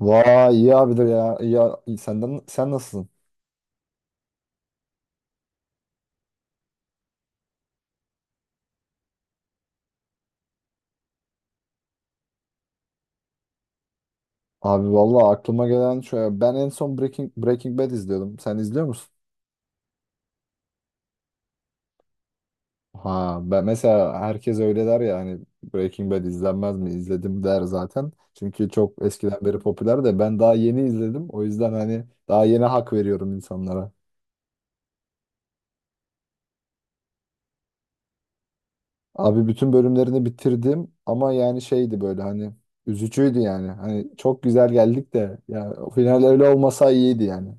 Vay iyi abidir ya. İyi, iyi. Senden sen nasılsın? Abi vallahi aklıma gelen şöyle ben en son Breaking Bad izliyordum. Sen izliyor musun? Ha ben mesela herkes öyle der ya hani Breaking Bad izlenmez mi? İzledim der zaten. Çünkü çok eskiden beri popüler de ben daha yeni izledim. O yüzden hani daha yeni hak veriyorum insanlara. Abi bütün bölümlerini bitirdim ama yani şeydi böyle hani üzücüydü yani. Hani çok güzel geldik de yani o final öyle olmasa iyiydi yani.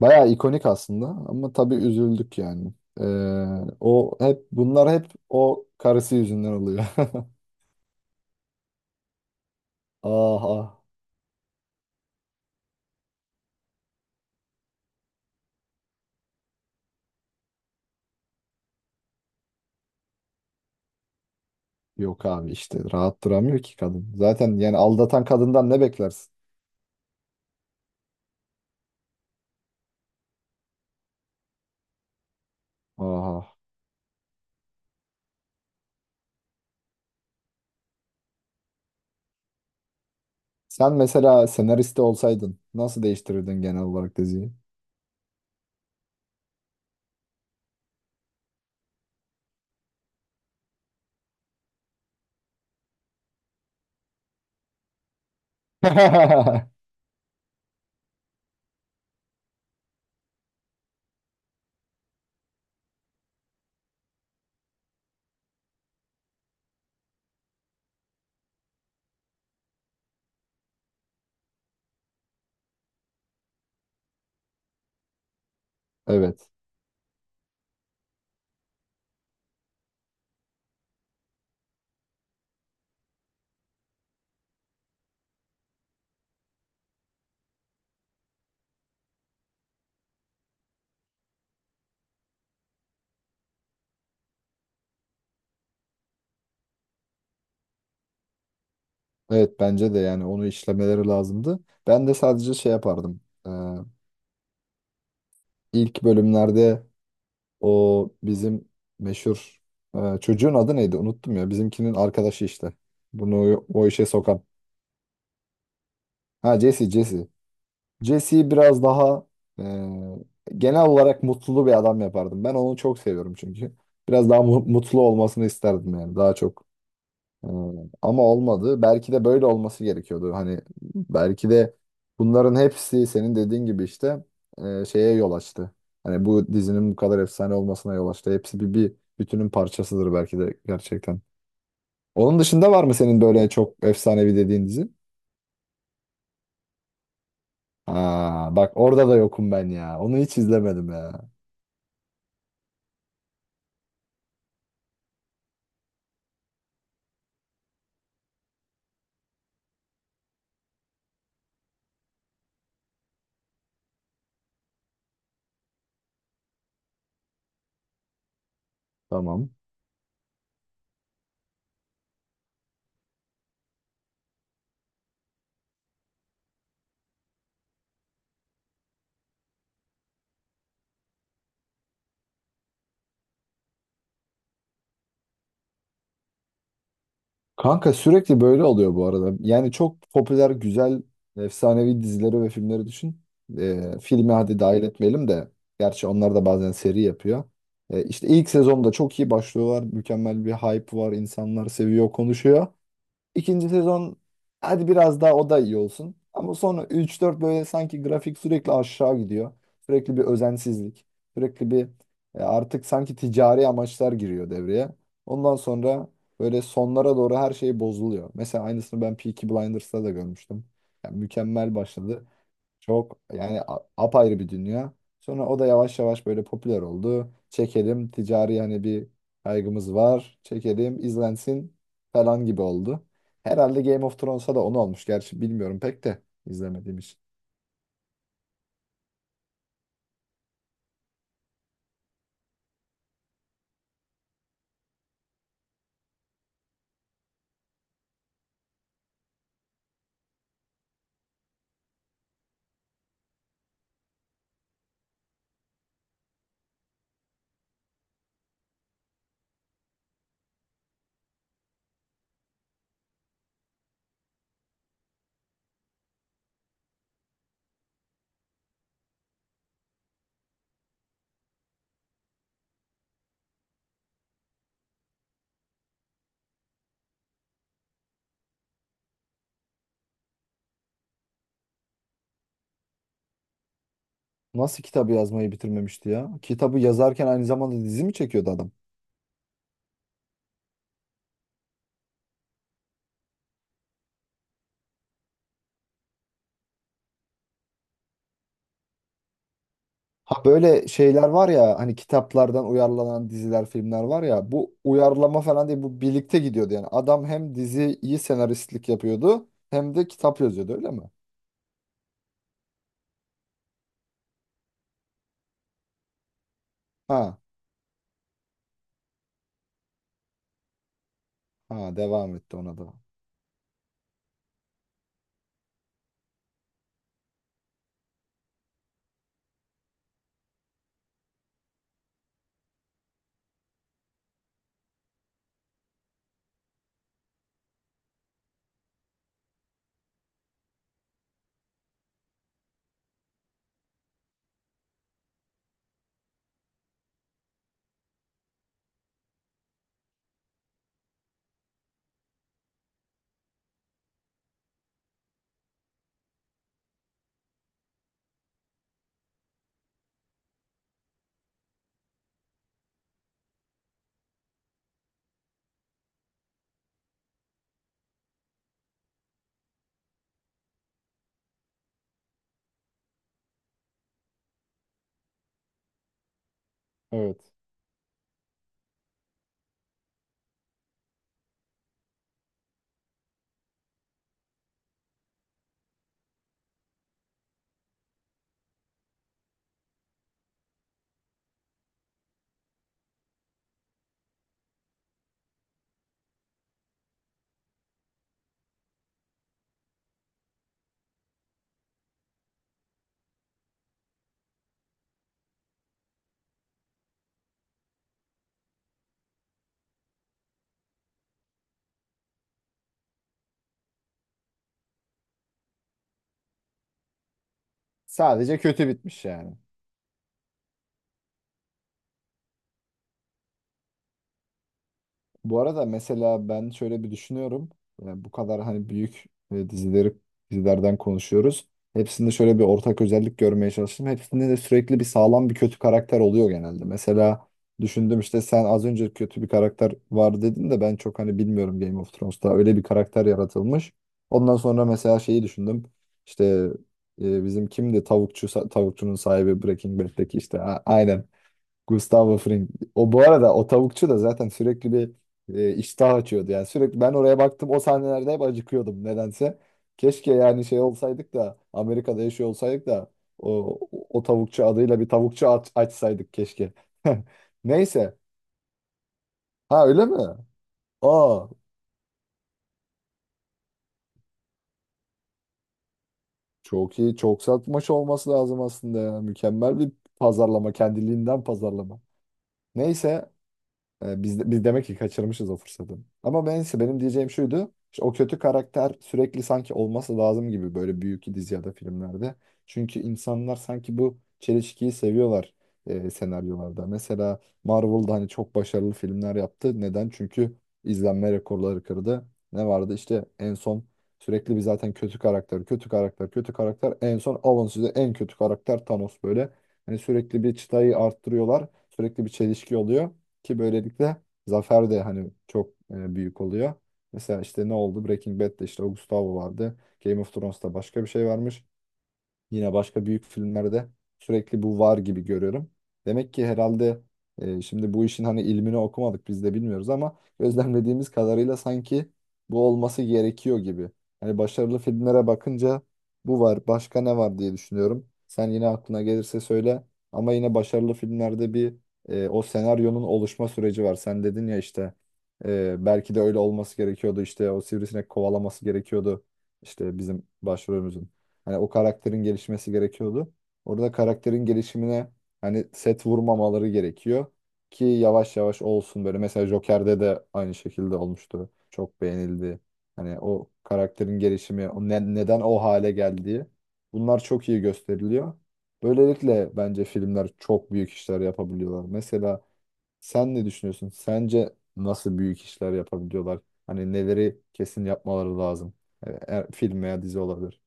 Bayağı ikonik aslında ama tabii üzüldük yani. Ee, O hep bunlar hep o karısı yüzünden oluyor. Ah ah. Yok abi işte rahat duramıyor ki kadın. Zaten yani aldatan kadından ne beklersin? Aha. Sen mesela senariste olsaydın nasıl değiştirirdin genel olarak diziyi? Evet. Evet bence de yani onu işlemeleri lazımdı. Ben de sadece şey yapardım. Ee, ilk bölümlerde o bizim meşhur çocuğun adı neydi? Unuttum ya. Bizimkinin arkadaşı işte. Bunu o işe sokan. Ha Jesse, Jesse. Jesse'yi biraz daha genel olarak mutlu bir adam yapardım. Ben onu çok seviyorum çünkü. Biraz daha mutlu olmasını isterdim yani. Daha çok. Hmm, ama olmadı. Belki de böyle olması gerekiyordu. Hani belki de bunların hepsi senin dediğin gibi işte şeye yol açtı. Hani bu dizinin bu kadar efsane olmasına yol açtı. Hepsi bir bütünün parçasıdır belki de gerçekten. Onun dışında var mı senin böyle çok efsanevi dediğin dizi? Ha, bak orada da yokum ben ya. Onu hiç izlemedim ya. Tamam. Kanka sürekli böyle oluyor bu arada. Yani çok popüler, güzel, efsanevi dizileri ve filmleri düşün. Filmi hadi dahil etmeyelim de. Gerçi onlar da bazen seri yapıyor. İşte ilk sezonda çok iyi başlıyorlar. Mükemmel bir hype var. İnsanlar seviyor, konuşuyor. İkinci sezon hadi biraz daha o da iyi olsun. Ama sonra üç dört böyle sanki grafik sürekli aşağı gidiyor. Sürekli bir özensizlik. Sürekli bir Artık sanki ticari amaçlar giriyor devreye. Ondan sonra böyle sonlara doğru her şey bozuluyor. Mesela aynısını ben Peaky Blinders'ta da görmüştüm. Yani mükemmel başladı. Çok yani apayrı bir dünya. Sonra o da yavaş yavaş böyle popüler oldu. Çekelim ticari hani bir kaygımız var. Çekelim izlensin falan gibi oldu. Herhalde Game of Thrones'a da onu olmuş. Gerçi bilmiyorum pek de izlemediğim için. Nasıl kitabı yazmayı bitirmemişti ya? Kitabı yazarken aynı zamanda dizi mi çekiyordu adam? Ha böyle şeyler var ya hani kitaplardan uyarlanan diziler, filmler var ya bu uyarlama falan değil bu birlikte gidiyordu yani. Adam hem diziyi senaristlik yapıyordu hem de kitap yazıyordu öyle mi? Ha, ha devam etti ona da. Evet. Sadece kötü bitmiş yani. Bu arada mesela ben şöyle bir düşünüyorum. Yani bu kadar hani büyük e, dizileri dizilerden konuşuyoruz. Hepsinde şöyle bir ortak özellik görmeye çalıştım. Hepsinde de sürekli bir sağlam bir kötü karakter oluyor genelde. Mesela düşündüm işte sen az önce kötü bir karakter var dedin de ben çok hani bilmiyorum Game of Thrones'ta öyle bir karakter yaratılmış. Ondan sonra mesela şeyi düşündüm. İşte bizim kimdi tavukçunun sahibi Breaking Bad'deki işte aynen. Gustavo Fring. O bu arada o tavukçu da zaten sürekli bir iştah açıyordu. Yani sürekli ben oraya baktım o sahnelerde hep acıkıyordum nedense. Keşke yani şey olsaydık da Amerika'da yaşıyor olsaydık da o, o tavukçu adıyla bir tavukçu açsaydık keşke. Neyse. Ha öyle mi? Aa çok iyi çok satmış olması lazım aslında ya. Mükemmel bir pazarlama, kendiliğinden pazarlama. Neyse. E, biz demek ki kaçırmışız o fırsatı. Ama neyse benim diyeceğim şuydu. İşte o kötü karakter sürekli sanki olması lazım gibi böyle büyük dizi ya da filmlerde. Çünkü insanlar sanki bu çelişkiyi seviyorlar senaryolarda. Mesela Marvel'da hani çok başarılı filmler yaptı. Neden? Çünkü izlenme rekorları kırdı. Ne vardı? İşte en son sürekli bir zaten kötü karakter. En son alın size en kötü karakter Thanos böyle. Hani sürekli bir çıtayı arttırıyorlar. Sürekli bir çelişki oluyor. Ki böylelikle zafer de hani çok büyük oluyor. Mesela işte ne oldu? Breaking Bad'de işte o Gustavo vardı. Game of Thrones'ta başka bir şey varmış. Yine başka büyük filmlerde sürekli bu var gibi görüyorum. Demek ki herhalde şimdi bu işin hani ilmini okumadık biz de bilmiyoruz ama gözlemlediğimiz kadarıyla sanki bu olması gerekiyor gibi. Hani başarılı filmlere bakınca bu var, başka ne var diye düşünüyorum. Sen yine aklına gelirse söyle ama yine başarılı filmlerde bir o senaryonun oluşma süreci var. Sen dedin ya işte belki de öyle olması gerekiyordu, işte o sivrisinek kovalaması gerekiyordu işte bizim başrolümüzün. Hani o karakterin gelişmesi gerekiyordu. Orada karakterin gelişimine hani set vurmamaları gerekiyor ki yavaş yavaş olsun böyle. Mesela Joker'de de aynı şekilde olmuştu. Çok beğenildi. Hani o karakterin gelişimi, o neden o hale geldiği, bunlar çok iyi gösteriliyor. Böylelikle bence filmler çok büyük işler yapabiliyorlar. Mesela sen ne düşünüyorsun? Sence nasıl büyük işler yapabiliyorlar? Hani neleri kesin yapmaları lazım? Film veya dizi olabilir.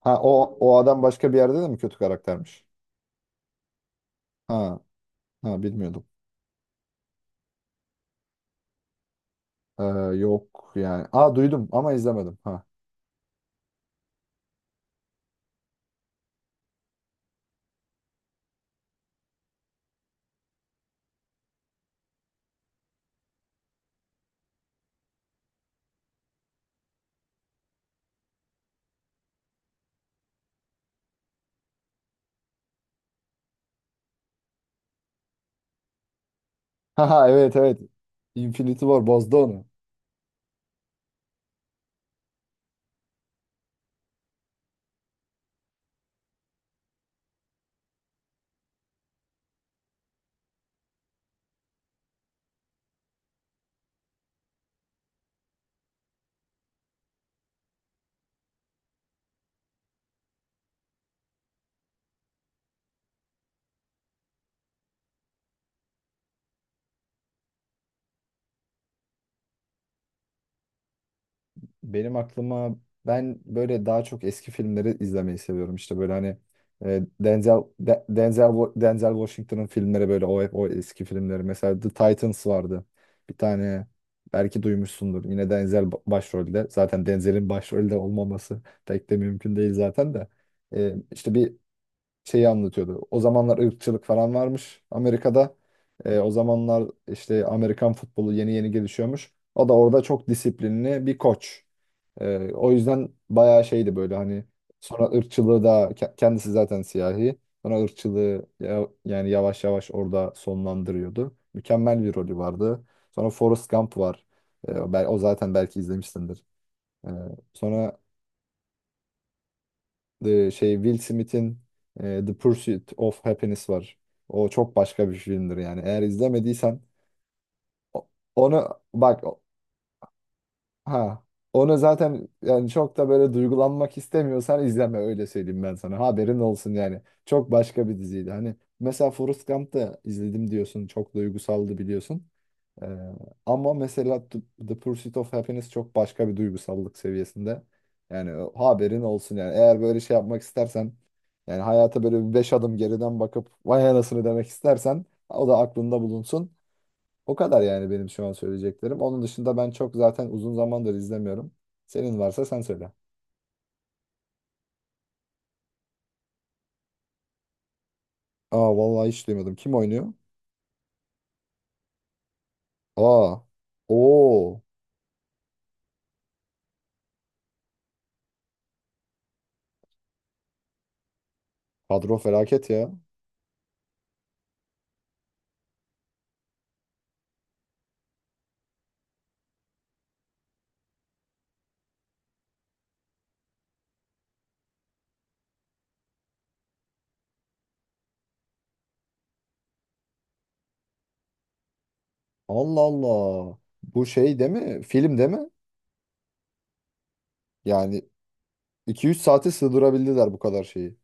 Ha o o adam başka bir yerde de mi kötü karaktermiş? Ha ha bilmiyordum. Ee, Yok yani. Aa duydum ama izlemedim. Ha. Ha evet evet. Infinity War bozdu onu. Benim aklıma ben böyle daha çok eski filmleri izlemeyi seviyorum. İşte böyle hani e, Denzel De- Denzel Wa- Denzel Washington'ın filmleri böyle o hep o eski filmleri. Mesela The Titans vardı. Bir tane belki duymuşsundur. Yine Denzel başrolde. Zaten Denzel'in başrolde olmaması pek de mümkün değil zaten de. İşte bir şeyi anlatıyordu. O zamanlar ırkçılık falan varmış Amerika'da. O zamanlar işte Amerikan futbolu yeni yeni gelişiyormuş. O da orada çok disiplinli bir koç. O yüzden bayağı şeydi böyle hani sonra ırkçılığı da kendisi zaten siyahi. Sonra ırkçılığı yani yavaş yavaş orada sonlandırıyordu. Mükemmel bir rolü vardı. Sonra Forrest Gump var. O o zaten belki izlemişsindir. E, Sonra The şey Will Smith'in The Pursuit of Happiness var. O çok başka bir filmdir yani. Eğer izlemediysen o- onu bak o- ha onu zaten yani çok da böyle duygulanmak istemiyorsan izleme, öyle söyleyeyim ben sana. Haberin olsun yani. Çok başka bir diziydi. Hani mesela Forrest Gump'ta izledim diyorsun. Çok duygusaldı biliyorsun. Ee, Ama mesela The Pursuit of Happiness çok başka bir duygusallık seviyesinde. Yani o haberin olsun yani. Eğer böyle şey yapmak istersen yani hayata böyle bir beş adım geriden bakıp vay anasını demek istersen o da aklında bulunsun. O kadar yani benim şu an söyleyeceklerim. Onun dışında ben çok zaten uzun zamandır izlemiyorum. Senin varsa sen söyle. Aa vallahi hiç duymadım. Kim oynuyor? Aa. Oo. Kadro felaket ya. Allah Allah. Bu şey değil mi? Film değil mi? Yani 2-3 saate sığdırabildiler bu kadar şeyi.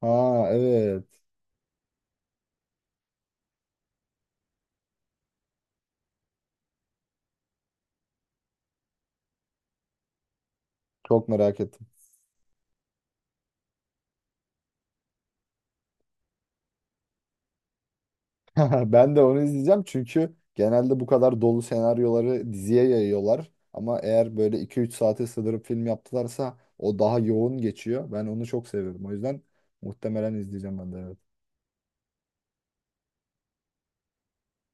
Ha evet. Çok merak ettim. Ben de onu izleyeceğim çünkü genelde bu kadar dolu senaryoları diziye yayıyorlar. Ama eğer böyle 2-3 saate sığdırıp film yaptılarsa o daha yoğun geçiyor. Ben onu çok seviyorum. O yüzden muhtemelen izleyeceğim ben de, evet.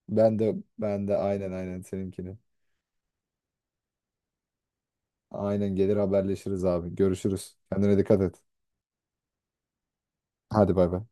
Ben de aynen seninkini. Aynen, gelir haberleşiriz abi. Görüşürüz. Kendine dikkat et. Hadi bay bay.